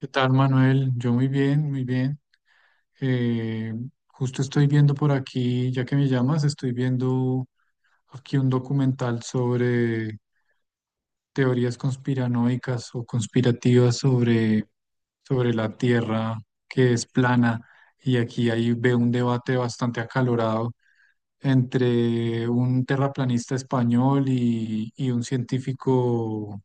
¿Qué tal, Manuel? Yo muy bien, muy bien. Eh, Justo estoy viendo por aquí, ya que me llamas, estoy viendo aquí un documental sobre teorías conspiranoicas o conspirativas sobre la Tierra que es plana. Y aquí ahí veo un debate bastante acalorado entre un terraplanista español y un científico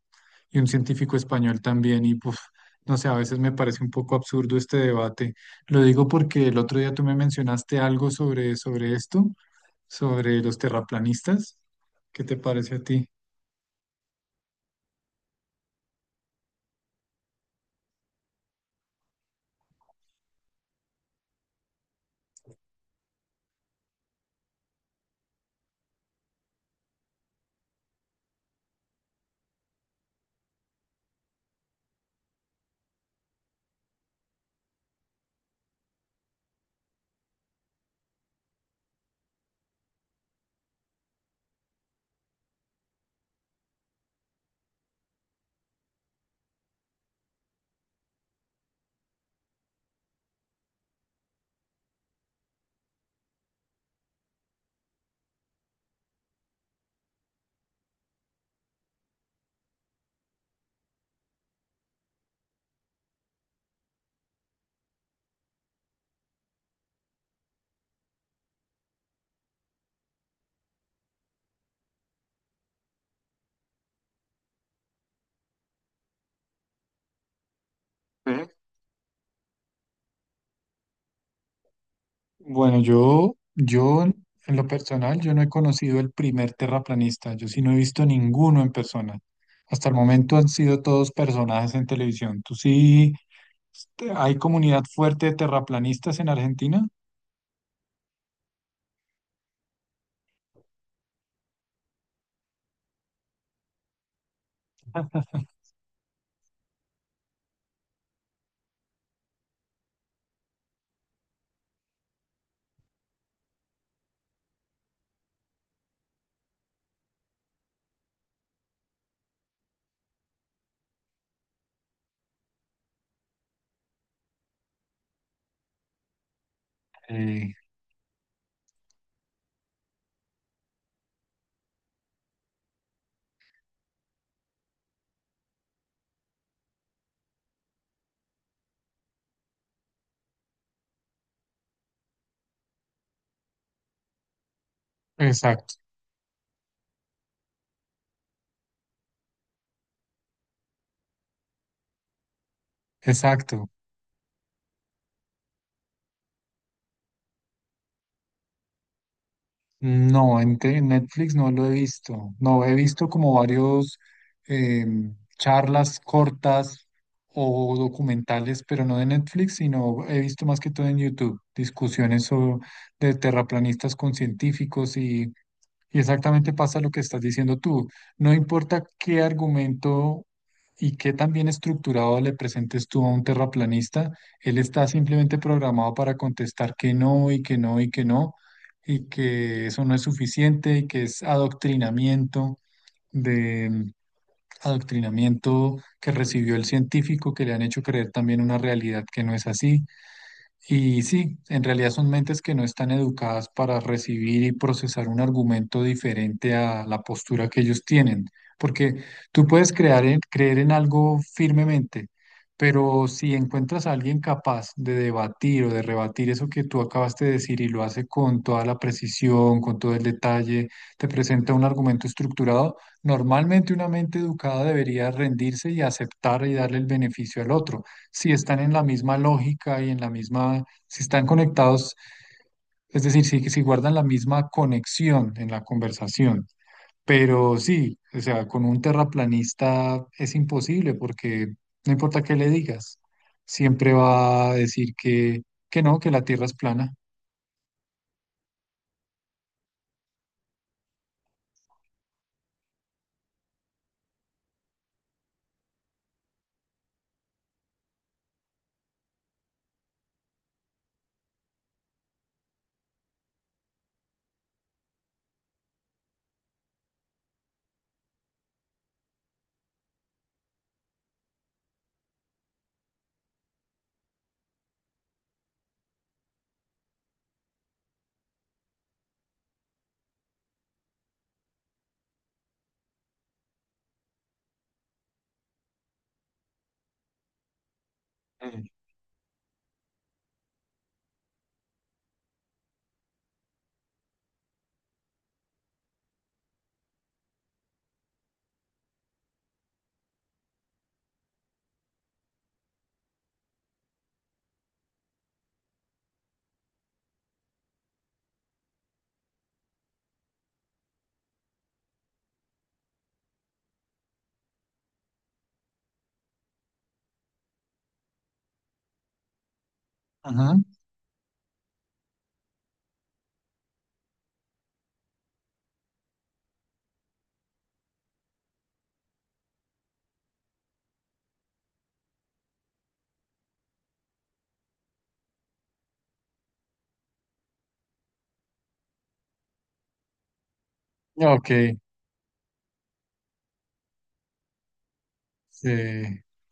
y un científico español también. Y pues, no sé, a veces me parece un poco absurdo este debate. Lo digo porque el otro día tú me mencionaste algo sobre esto, sobre los terraplanistas. ¿Qué te parece a ti? Ujú. Bueno, yo en lo personal, yo no he conocido el primer terraplanista. Yo sí no he visto ninguno en persona. Hasta el momento han sido todos personajes en televisión. ¿Tú sí? Este, ¿hay comunidad fuerte de terraplanistas en Argentina? Eh, exacto, exacto. No, en Netflix no lo he visto. No, he visto como varios charlas cortas o documentales, pero no de Netflix, sino he visto más que todo en YouTube, discusiones de terraplanistas con científicos y. Y exactamente pasa lo que estás diciendo tú. No importa qué argumento y qué tan bien estructurado le presentes tú a un terraplanista, él está simplemente programado para contestar que no y que no y que no, y que eso no es suficiente y que es adoctrinamiento de mm, adoctrinamiento que recibió el científico que le han hecho creer también una realidad que no es así. Y sí, en realidad son mentes que no están educadas para recibir y procesar un argumento diferente a la postura que ellos tienen, porque tú puedes creer en algo firmemente, pero si encuentras a alguien capaz de debatir o de rebatir eso que tú acabaste de decir y lo hace con toda la precisión, con todo el detalle, te presenta un argumento estructurado, normalmente una mente educada debería rendirse y aceptar y darle el beneficio al otro si están en la misma lógica y en la misma, si están conectados, es decir, si guardan la misma conexión en la conversación. Pero sí, o sea, con un terraplanista es imposible porque no importa qué le digas, siempre va a decir que no, que la Tierra es plana. Mm. Ajá. Ok. Sí,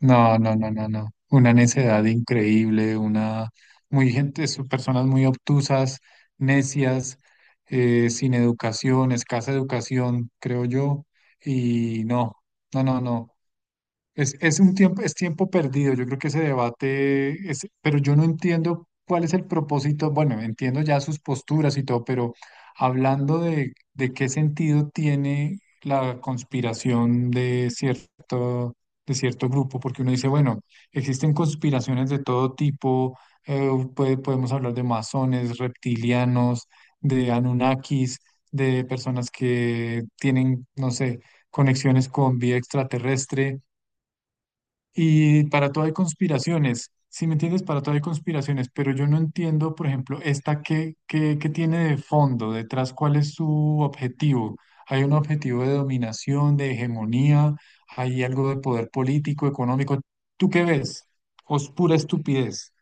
no. Una necedad increíble, una muy gente, son personas muy obtusas, necias, sin educación, escasa educación, creo yo. Y no, no. Es un tiempo, es tiempo perdido. Yo creo que ese debate es, pero yo no entiendo cuál es el propósito. Bueno, entiendo ya sus posturas y todo, pero hablando de qué sentido tiene la conspiración de cierto grupo, porque uno dice, bueno, existen conspiraciones de todo tipo, eh, podemos hablar de masones, reptilianos, de Anunnakis, de personas que tienen, no sé, conexiones con vida extraterrestre. Y para todo hay conspiraciones, ¿si me entiendes? Para todo hay conspiraciones, pero yo no entiendo, por ejemplo, esta qué tiene de fondo, detrás, cuál es su objetivo. Hay un objetivo de dominación, de hegemonía, hay algo de poder político, económico. ¿Tú qué ves? ¿O es pura estupidez?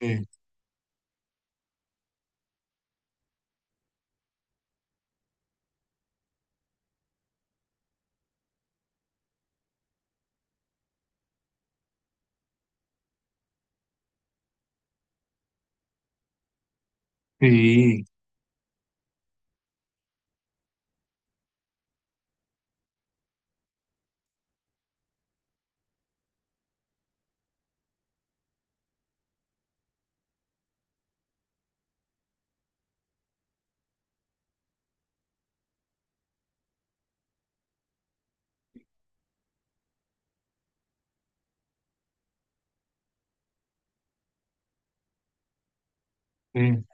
Sí, sí, sí,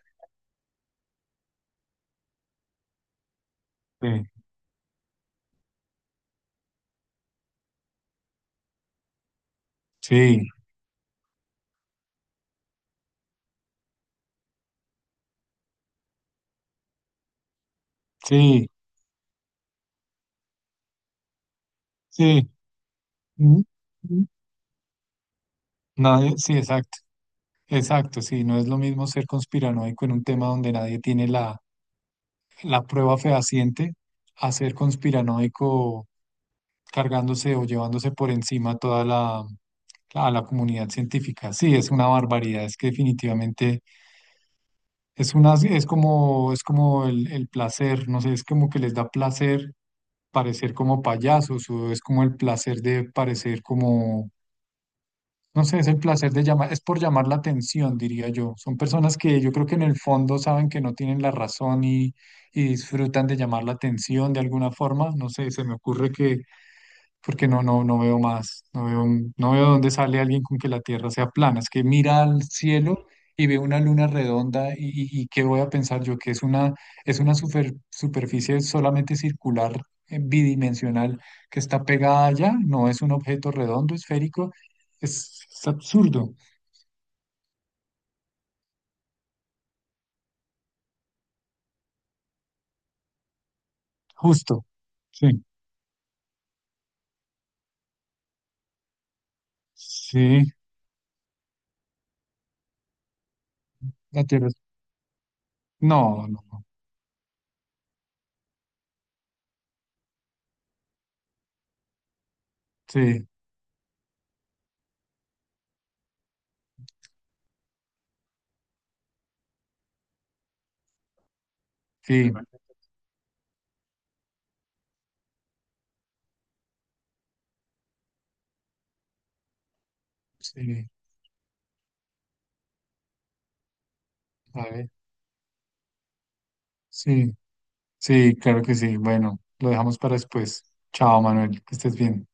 sí, sí, sí, sí. Mm, mm. Nadie, sí, exacto, exacto, sí, no es lo mismo ser conspiranoico en un tema donde nadie tiene la prueba fehaciente a ser conspiranoico cargándose o llevándose por encima a la comunidad científica. Sí, es una barbaridad, es que definitivamente es una, es como el placer, no sé, es como que les da placer parecer como payasos o es como el placer de parecer como. No sé, es el placer de llamar, es por llamar la atención, diría yo. Son personas que yo creo que en el fondo saben que no tienen la razón y disfrutan de llamar la atención de alguna forma. No sé, se me ocurre que, porque no, no veo más, no veo, no veo dónde sale alguien con que la Tierra sea plana. Es que mira al cielo y ve una luna redonda y qué voy a pensar yo, que es una superficie solamente circular, bidimensional, que está pegada allá, no es un objeto redondo, esférico, es absurdo, justo. Sí, sí, la Tierra. No, no, no. Sí, sí, sí, a ver, sí. Sí, claro que sí. Bueno, lo dejamos para después. Chao, Manuel, que estés bien.